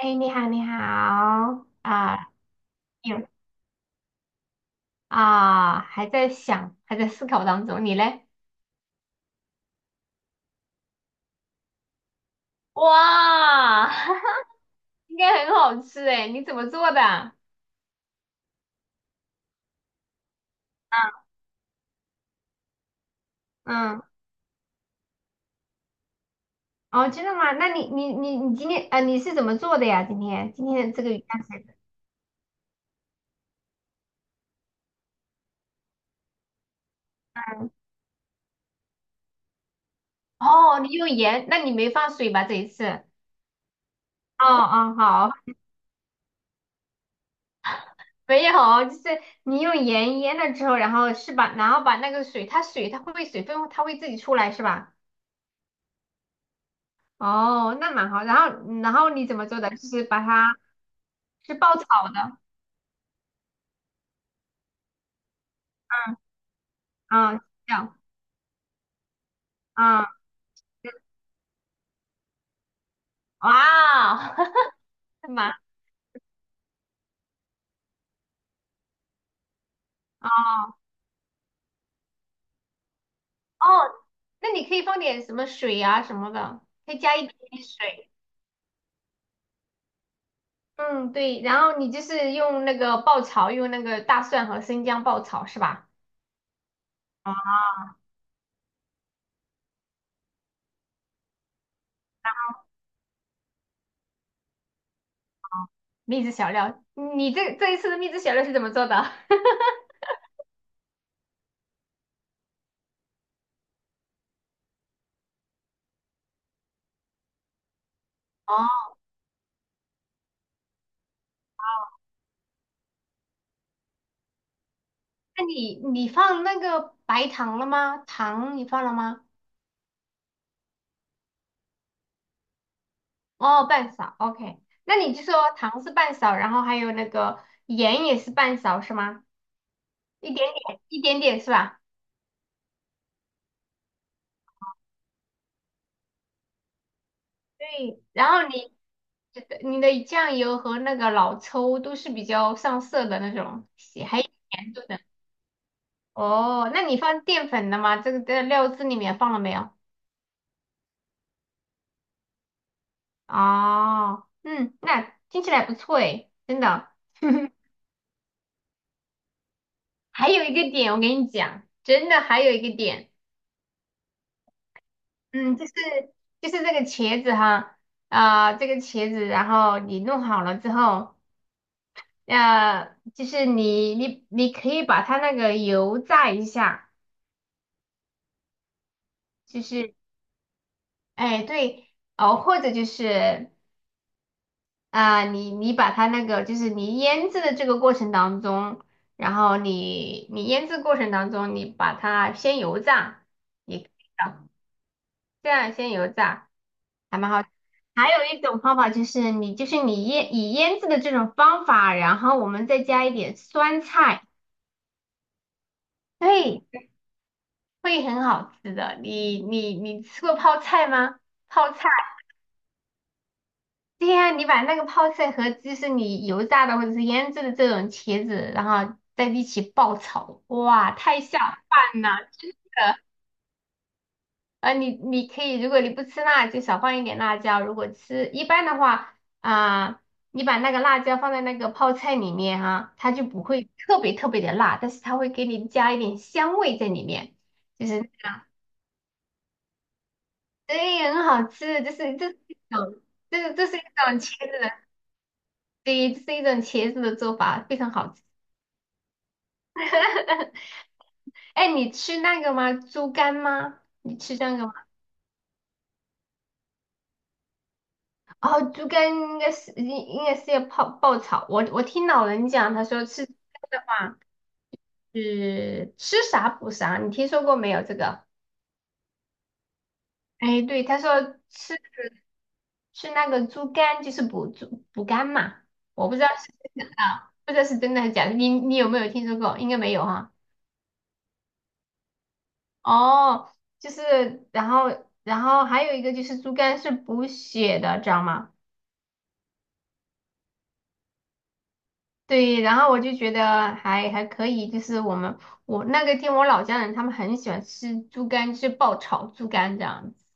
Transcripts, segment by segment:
哎，你好，你好啊，有啊，还在想，还在思考当中，你嘞？哇，应该很好吃哎，你怎么做的？嗯，哦，真的吗？那你今天啊，你是怎么做的呀？今天的这个鱼干水的。哦，你用盐，那你没放水吧？这一次？哦哦，好，没有，就是你用盐腌了之后，然后是吧？然后把那个水，它水它会不会水分它会自己出来是吧？哦，那蛮好。然后，然后你怎么做的？就是把它是爆炒的，嗯嗯，这样啊，哇，蛮哦。那你可以放点什么水啊什么的，可以加一点点水。嗯，对。然后你就是用那个爆炒，用那个大蒜和生姜爆炒是吧？啊，秘制小料，你这一次的秘制小料是怎么做的？哦，那你放那个白糖了吗？糖你放了吗？哦，半勺，OK。那你就说糖是半勺，然后还有那个盐也是半勺，是吗？一点点，一点点是吧？对。然后你的酱油和那个老抽都是比较上色的那种，还有甜度的。哦，那你放淀粉了吗？这个在料汁里面放了没有？哦，嗯，那听起来不错诶，真的。还有一个点，我跟你讲，真的还有一个点。嗯，就是这个茄子哈，啊、这个茄子，然后你弄好了之后，就是你可以把它那个油炸一下，就是哎对哦，或者就是啊、你把它那个就是你腌制的这个过程当中，然后你腌制过程当中，你把它先油炸，也可以的这样先油炸。还蛮好。还有一种方法就是你就是你腌以腌制的这种方法，然后我们再加一点酸菜，对，会很好吃的。你吃过泡菜吗？泡菜，对呀，你把那个泡菜和就是你油炸的或者是腌制的这种茄子，然后在一起爆炒，哇，太下饭了，真的。你可以，如果你不吃辣，就少放一点辣椒。如果吃，一般的话，啊、你把那个辣椒放在那个泡菜里面哈、它就不会特别特别的辣，但是它会给你加一点香味在里面，就是对，很好吃。就是这是一种，这是一种茄子的，对，这是一种茄子的做法，非常好吃。哎，你吃那个吗？猪肝吗？你吃那个吗？哦，猪肝应该是应该是要泡爆炒。我听老人讲，他说吃猪肝的话是吃啥补啥，你听说过没有这个？哎，对，他说吃那个猪肝就是补猪补肝嘛，我不知道是真的啊，不知道是真的还是假的。你有没有听说过？应该没有哈。哦，就是然后还有一个就是猪肝是补血的，知道吗？对，然后我就觉得还可以，就是我们我那个听我老家人他们很喜欢吃猪肝，就是爆炒猪肝这样子。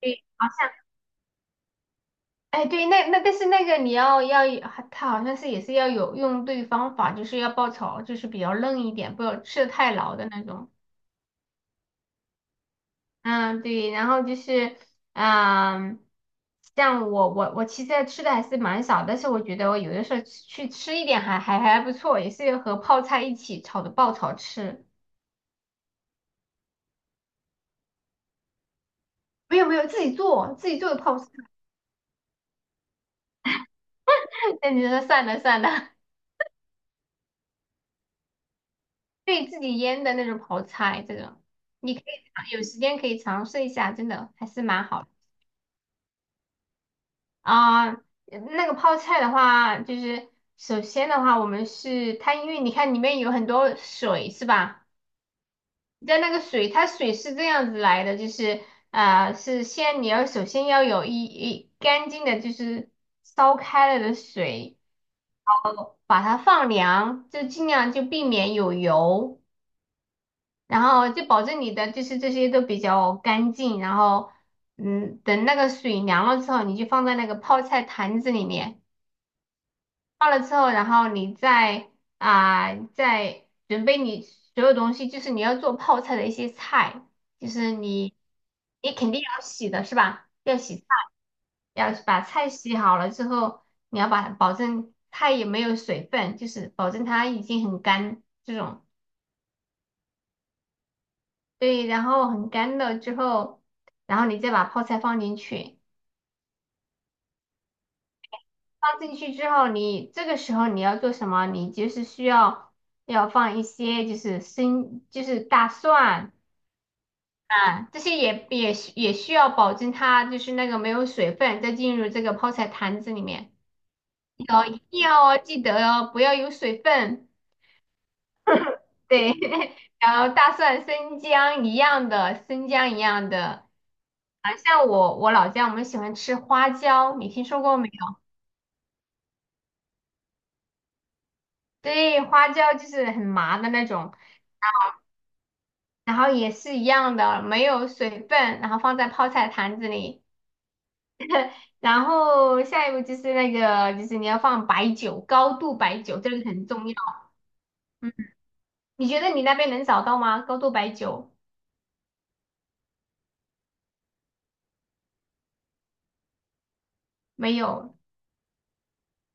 对，好像哎对，那但是那个你要它好像是也是要有用对方法，就是要爆炒，就是比较嫩一点，不要吃的太老的那种。嗯，对，然后就是嗯，像我其实吃的还是蛮少，但是我觉得我有的时候去吃一点还不错，也是和泡菜一起炒的爆炒吃。没有没有，自己做的泡菜，那你说算了算了，可以自己腌的那种泡菜，这种你可以尝有时间可以尝试一下，真的还是蛮好的啊。那个泡菜的话，就是首先的话，我们是它，因为你看里面有很多水是吧？在那个水，它水是这样子来的，就是啊，是先你要首先要有一干净的，就是烧开了的水，把它放凉，就尽量就避免有油。然后就保证你的就是这些都比较干净，然后等那个水凉了之后，你就放在那个泡菜坛子里面，泡了之后，然后你再啊、再准备你所有东西，就是你要做泡菜的一些菜，就是你肯定要洗的是吧？要洗菜，要把菜洗好了之后，你要把保证菜也没有水分，就是保证它已经很干这种。对，然后很干了之后，然后你再把泡菜放进去，放进去之后你，这个时候你要做什么？你就是需要要放一些就是生就是大蒜啊，这些也需要保证它就是那个没有水分再进入这个泡菜坛子里面，哦，一定要哦，记得哦，不要有水分。对，然后大蒜、生姜一样的，生姜一样的。啊，像我老家我们喜欢吃花椒，你听说过没？对，花椒就是很麻的那种，然后也是一样的，没有水分，然后放在泡菜坛子里，然后下一步就是那个，就是你要放白酒，高度白酒，这个很重要。嗯，你觉得你那边能找到吗？高度白酒没有，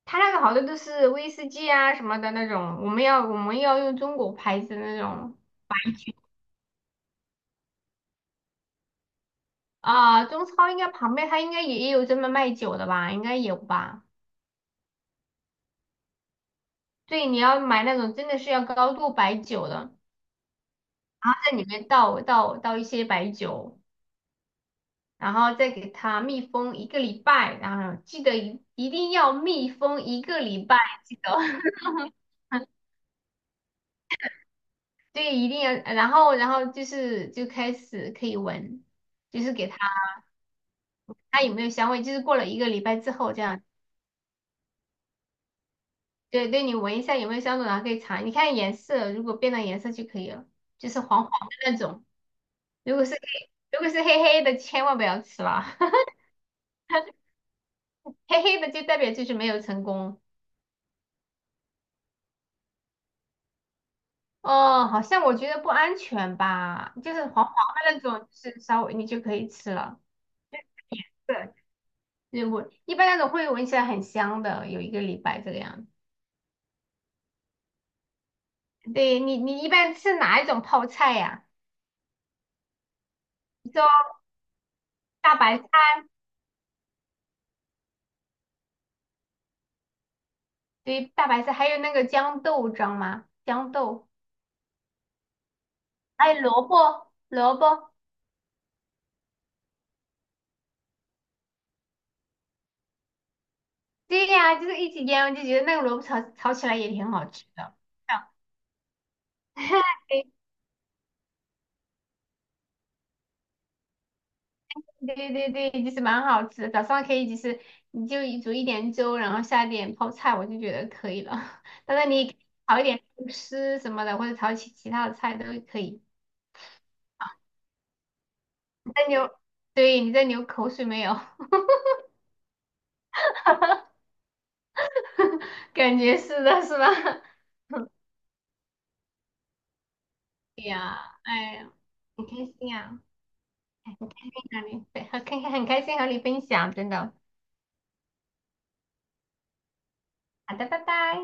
它那个好多都是威士忌啊什么的那种，我们要用中国牌子的那种啊，中超应该旁边它应该也有专门卖酒的吧，应该有吧？对，你要买那种真的是要高度白酒的。在里面倒一些白酒，然后再给它密封一个礼拜，然后记得一定要密封一个礼拜，记得 对，一定要，然后就是就开始可以闻，就是给它有没有香味，就是过了一个礼拜之后这样，对对，你闻一下有没有香味，然后可以尝，你看颜色，如果变了颜色就可以了，就是黄黄的那种，如果是黑，如果是黑黑的千万不要吃了，黑黑的就代表就是没有成功。哦，好像我觉得不安全吧，就是黄黄的那种，就是稍微你就可以吃了。对，就是我一般那种会闻起来很香的，有一个礼拜这个样子。对你，你一般吃哪一种泡菜呀、你说大白菜，对，大白菜，还有那个豇豆，知道吗？豇豆，还有萝卜，萝卜，对呀、就是一起腌，我就觉得那个萝卜炒炒起来也挺好吃的。这样 对对对对，其实蛮好吃的早上可以就是你就一煮一点粥，然后下点泡菜，我就觉得可以了。当然你炒一点肉丝什么的，或者炒其他的菜都可以。你在流，对，你在流口水没有？感觉是的，是吧？对呀，哎呀，很开心啊，哎很开心和你，对，很开心很开心和你分享，真的。好的，拜拜。